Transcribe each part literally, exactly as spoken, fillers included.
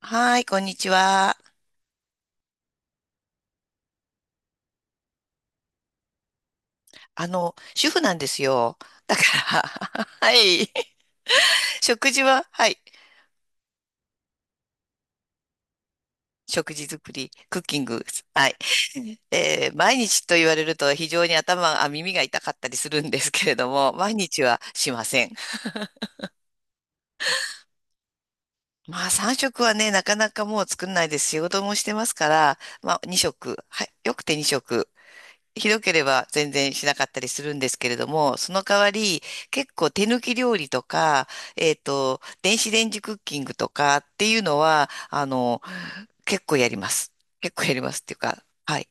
はーい、こんにちは。あの、主婦なんですよ。だから、はい。食事は、はい。食事作り、クッキング、はい。えー毎日と言われると非常に頭、あ、耳が痛かったりするんですけれども、毎日はしません。まあ、さん食はね、なかなかもう作んないです。仕事もしてますから、まあ、に食、はい。よくてに食。ひどければ全然しなかったりするんですけれども、その代わり結構手抜き料理とか、えっと、電子レンジクッキングとかっていうのは、あの、結構やります。結構やりますっていうか、はい。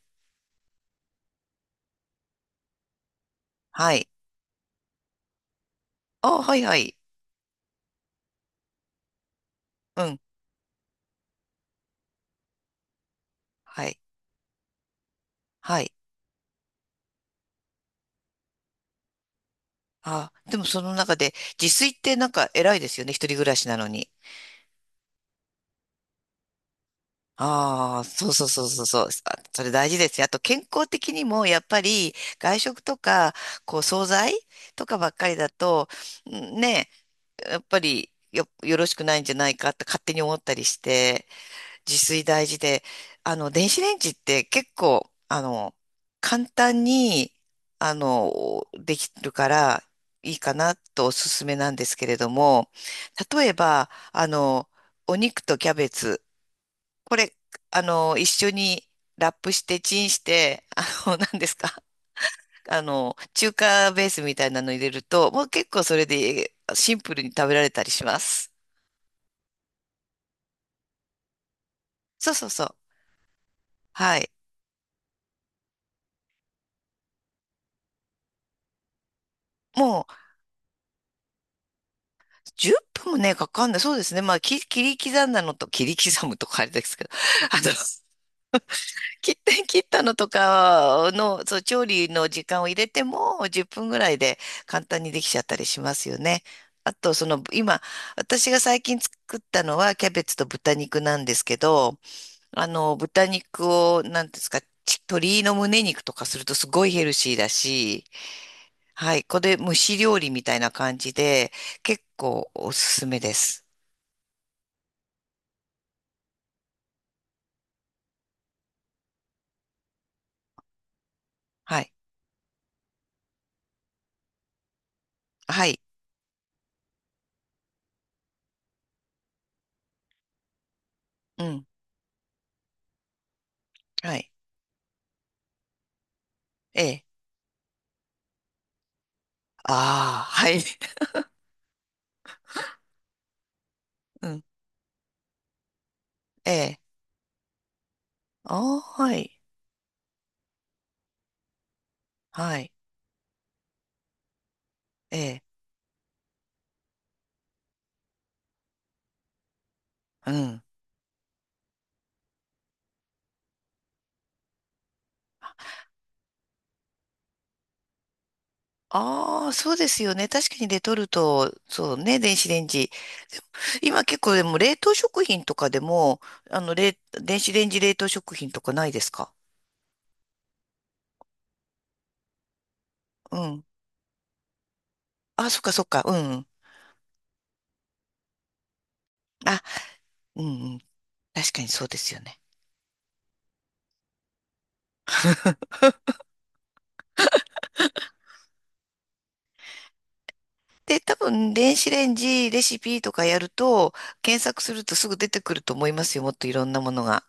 はい。あ、はいはい。うん。はい。はい。あ、でもその中で自炊ってなんか偉いですよね。一人暮らしなのに。ああ、そうそうそうそうそう。あそれ大事ですよ。あと健康的にもやっぱり外食とか、こう惣菜とかばっかりだと、んね、やっぱりよ、よろしくないんじゃないかって勝手に思ったりして、自炊大事で、あの、電子レンジって結構、あの、簡単に、あの、できるからいいかなとおすすめなんですけれども、例えば、あの、お肉とキャベツ、これ、あの、一緒にラップしてチンして、あの、何ですかあの、中華ベースみたいなの入れると、もう結構それでシンプルに食べられたりします。そうそうそう。はい。もうじゅっぷんもね、かかんない。そうですね。まあ、き切り刻んだのと、切り刻むとかあれですけど、あの、切って 切ったのとかの、そう、調理の時間を入れてもじゅっぷんぐらいで簡単にできちゃったりしますよね。あと、その、今、私が最近作ったのはキャベツと豚肉なんですけど、あの、豚肉を、なんていうんですか、ち鶏の胸肉とかするとすごいヘルシーだし、はい、これ蒸し料理みたいな感じで、結構おすすめです。はい、はい、うん、はい、ええ、ああ、はい、うん、ええ、ああ、はい。はい。ええ。うん。ああ、そうですよね。確かにレトルト、そうね、電子レンジ。今結構でも冷凍食品とかでも、あの、冷、電子レンジ冷凍食品とかないですか？うん。あ、そっかそっか。うん。あ、うんうん。確かにそうですよね。で、多分、電子レンジレシピとかやると、検索するとすぐ出てくると思いますよ。もっといろんなものが。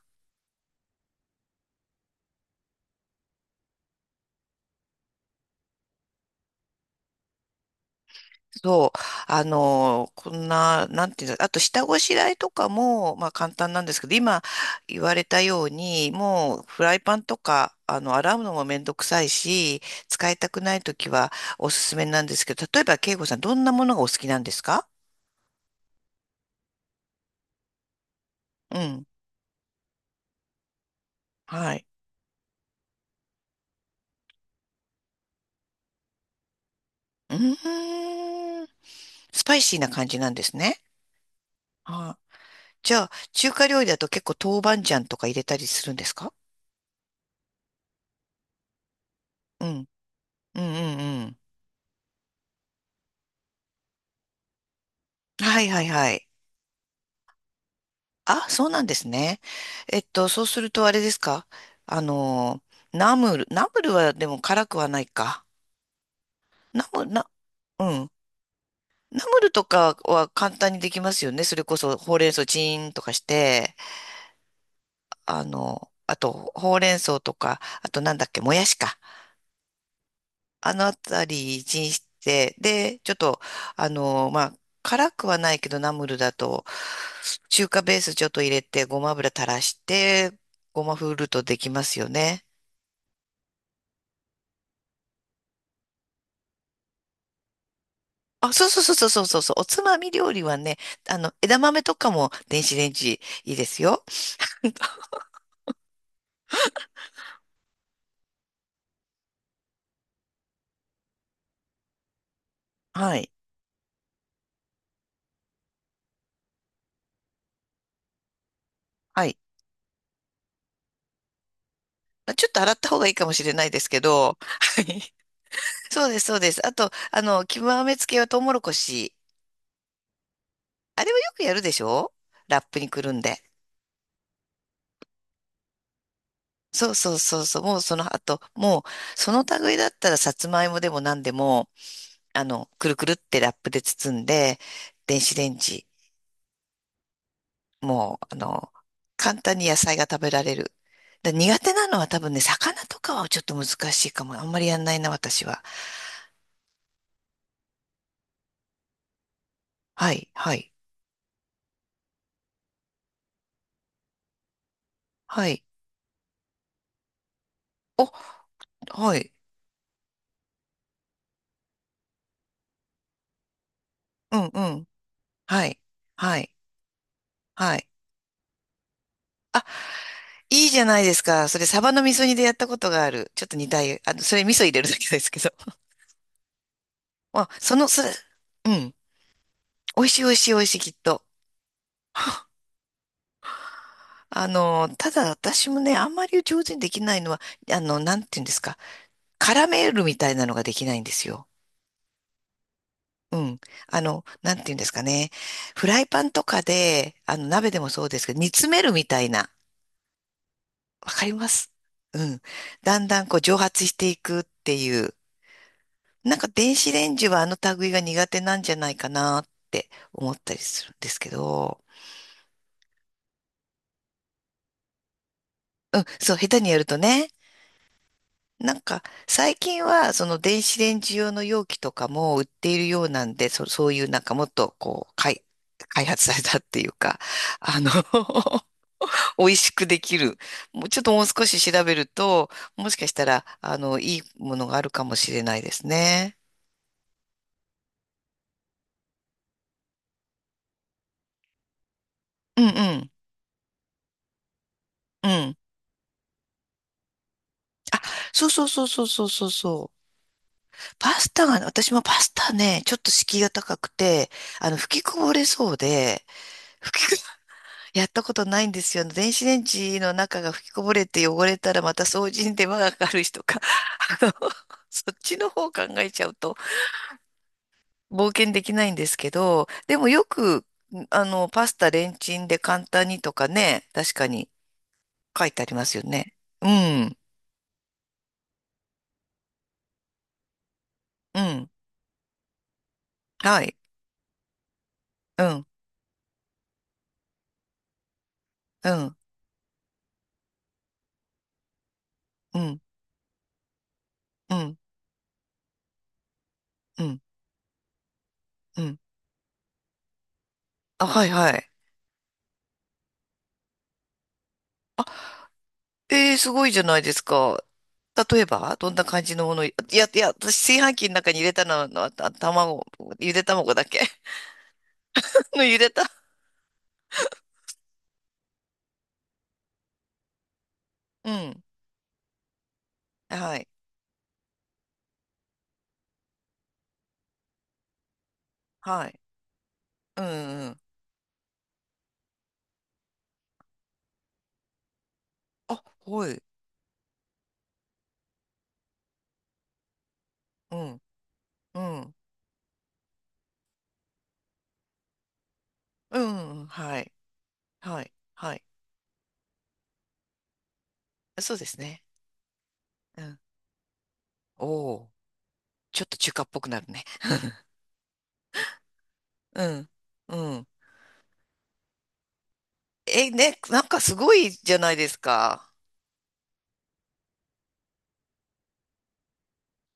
そう、あの、こんな、なんていうんだ、あと下ごしらえとかも、まあ簡単なんですけど、今言われたように、もうフライパンとか、あの、洗うのもめんどくさいし、使いたくないときはおすすめなんですけど、例えば、慶吾さん、どんなものがお好きなんですか？うん。はい。うーん。スパイシーな感じなんですね。はい。じゃあ、中華料理だと結構豆板醤とか入れたりするんですか？うん。うんうんうん。はいはいはい。あ、そうなんですね。えっと、そうするとあれですか？あの、ナムル。ナムルはでも辛くはないか。ナム、な、うん。ナムルとかは簡単にできますよね。それこそほうれん草チーンとかして、あの、あとほうれん草とか、あとなんだっけ、もやしか。あのあたりチンして、で、ちょっと、あの、まあ、辛くはないけどナムルだと、中華ベースちょっと入れて、ごま油垂らして、ごまふるとできますよね。あ、そうそうそうそうそうそう。おつまみ料理はね、あの、枝豆とかも電子レンジいいですよ。はい。はい。まあちょっと洗った方がいいかもしれないですけど。はい。そうです、そうです。あと、あの、極めつけはトウモロコシ。あれはよくやるでしょ？ラップにくるんで。そうそうそうそう。もうその後、もう、その類だったらさつまいもでも何でも、あの、くるくるってラップで包んで、電子レンジもう、あの、簡単に野菜が食べられる。だ苦手なのは多分ね、魚とかはちょっと難しいかも。あんまりやんないな、私は。はい、はい、はい。お、はい。うん、うん。はい、はい、はい。あ、いいじゃないですか。それ、サバの味噌煮でやったことがある。ちょっと煮たい。あの、それ味噌入れるだけですけど。まあ、その、それ、うん。美味しい、美味しい、美味しい、きっと。あの、ただ私もね、あんまり上手にできないのは、あの、なんていうんですか。絡めるみたいなのができないんですよ。うん。あの、なんていうんですかね。フライパンとかで、あの、鍋でもそうですけど、煮詰めるみたいな。わかります？うん。だんだんこう蒸発していくっていう。なんか電子レンジはあの類が苦手なんじゃないかなって思ったりするんですけど。うん、そう、下手にやるとね。なんか、最近は、その電子レンジ用の容器とかも売っているようなんで、そ、そういうなんかもっと、こう、開、開発されたっていうか、あの 美味しくできる。もうちょっともう少し調べると、もしかしたら、あの、いいものがあるかもしれないですね。うんうん。うん。そうそうそうそうそうそうそう。パスタがね、私もパスタね、ちょっと敷居が高くて、あの、吹きこぼれそうで、吹きこ、やったことないんですよ。電子レンジの中が吹きこぼれて汚れたらまた掃除に手間がかかるしとか、あの、そっちの方考えちゃうと、冒険できないんですけど、でもよく、んあの、パスタレンチンで簡単にとかね、確かに書いてありますよね。うん、うん、はい、うん、うん、うん、うん、うん、うん。あ、はいはい。えー、すごいじゃないですか。例えば、どんな感じのもの、いや、いや、私、炊飯器の中に入れたのは、た卵、ゆで卵だけ のゆでた。うん、はい、はい、うん、うん。あ、はい、うん、うん、うん、はい、はい。はいそうですね。うん。おお、ちょっと中華っぽくなるね。うん。うん。え、ね、なんかすごいじゃないですか。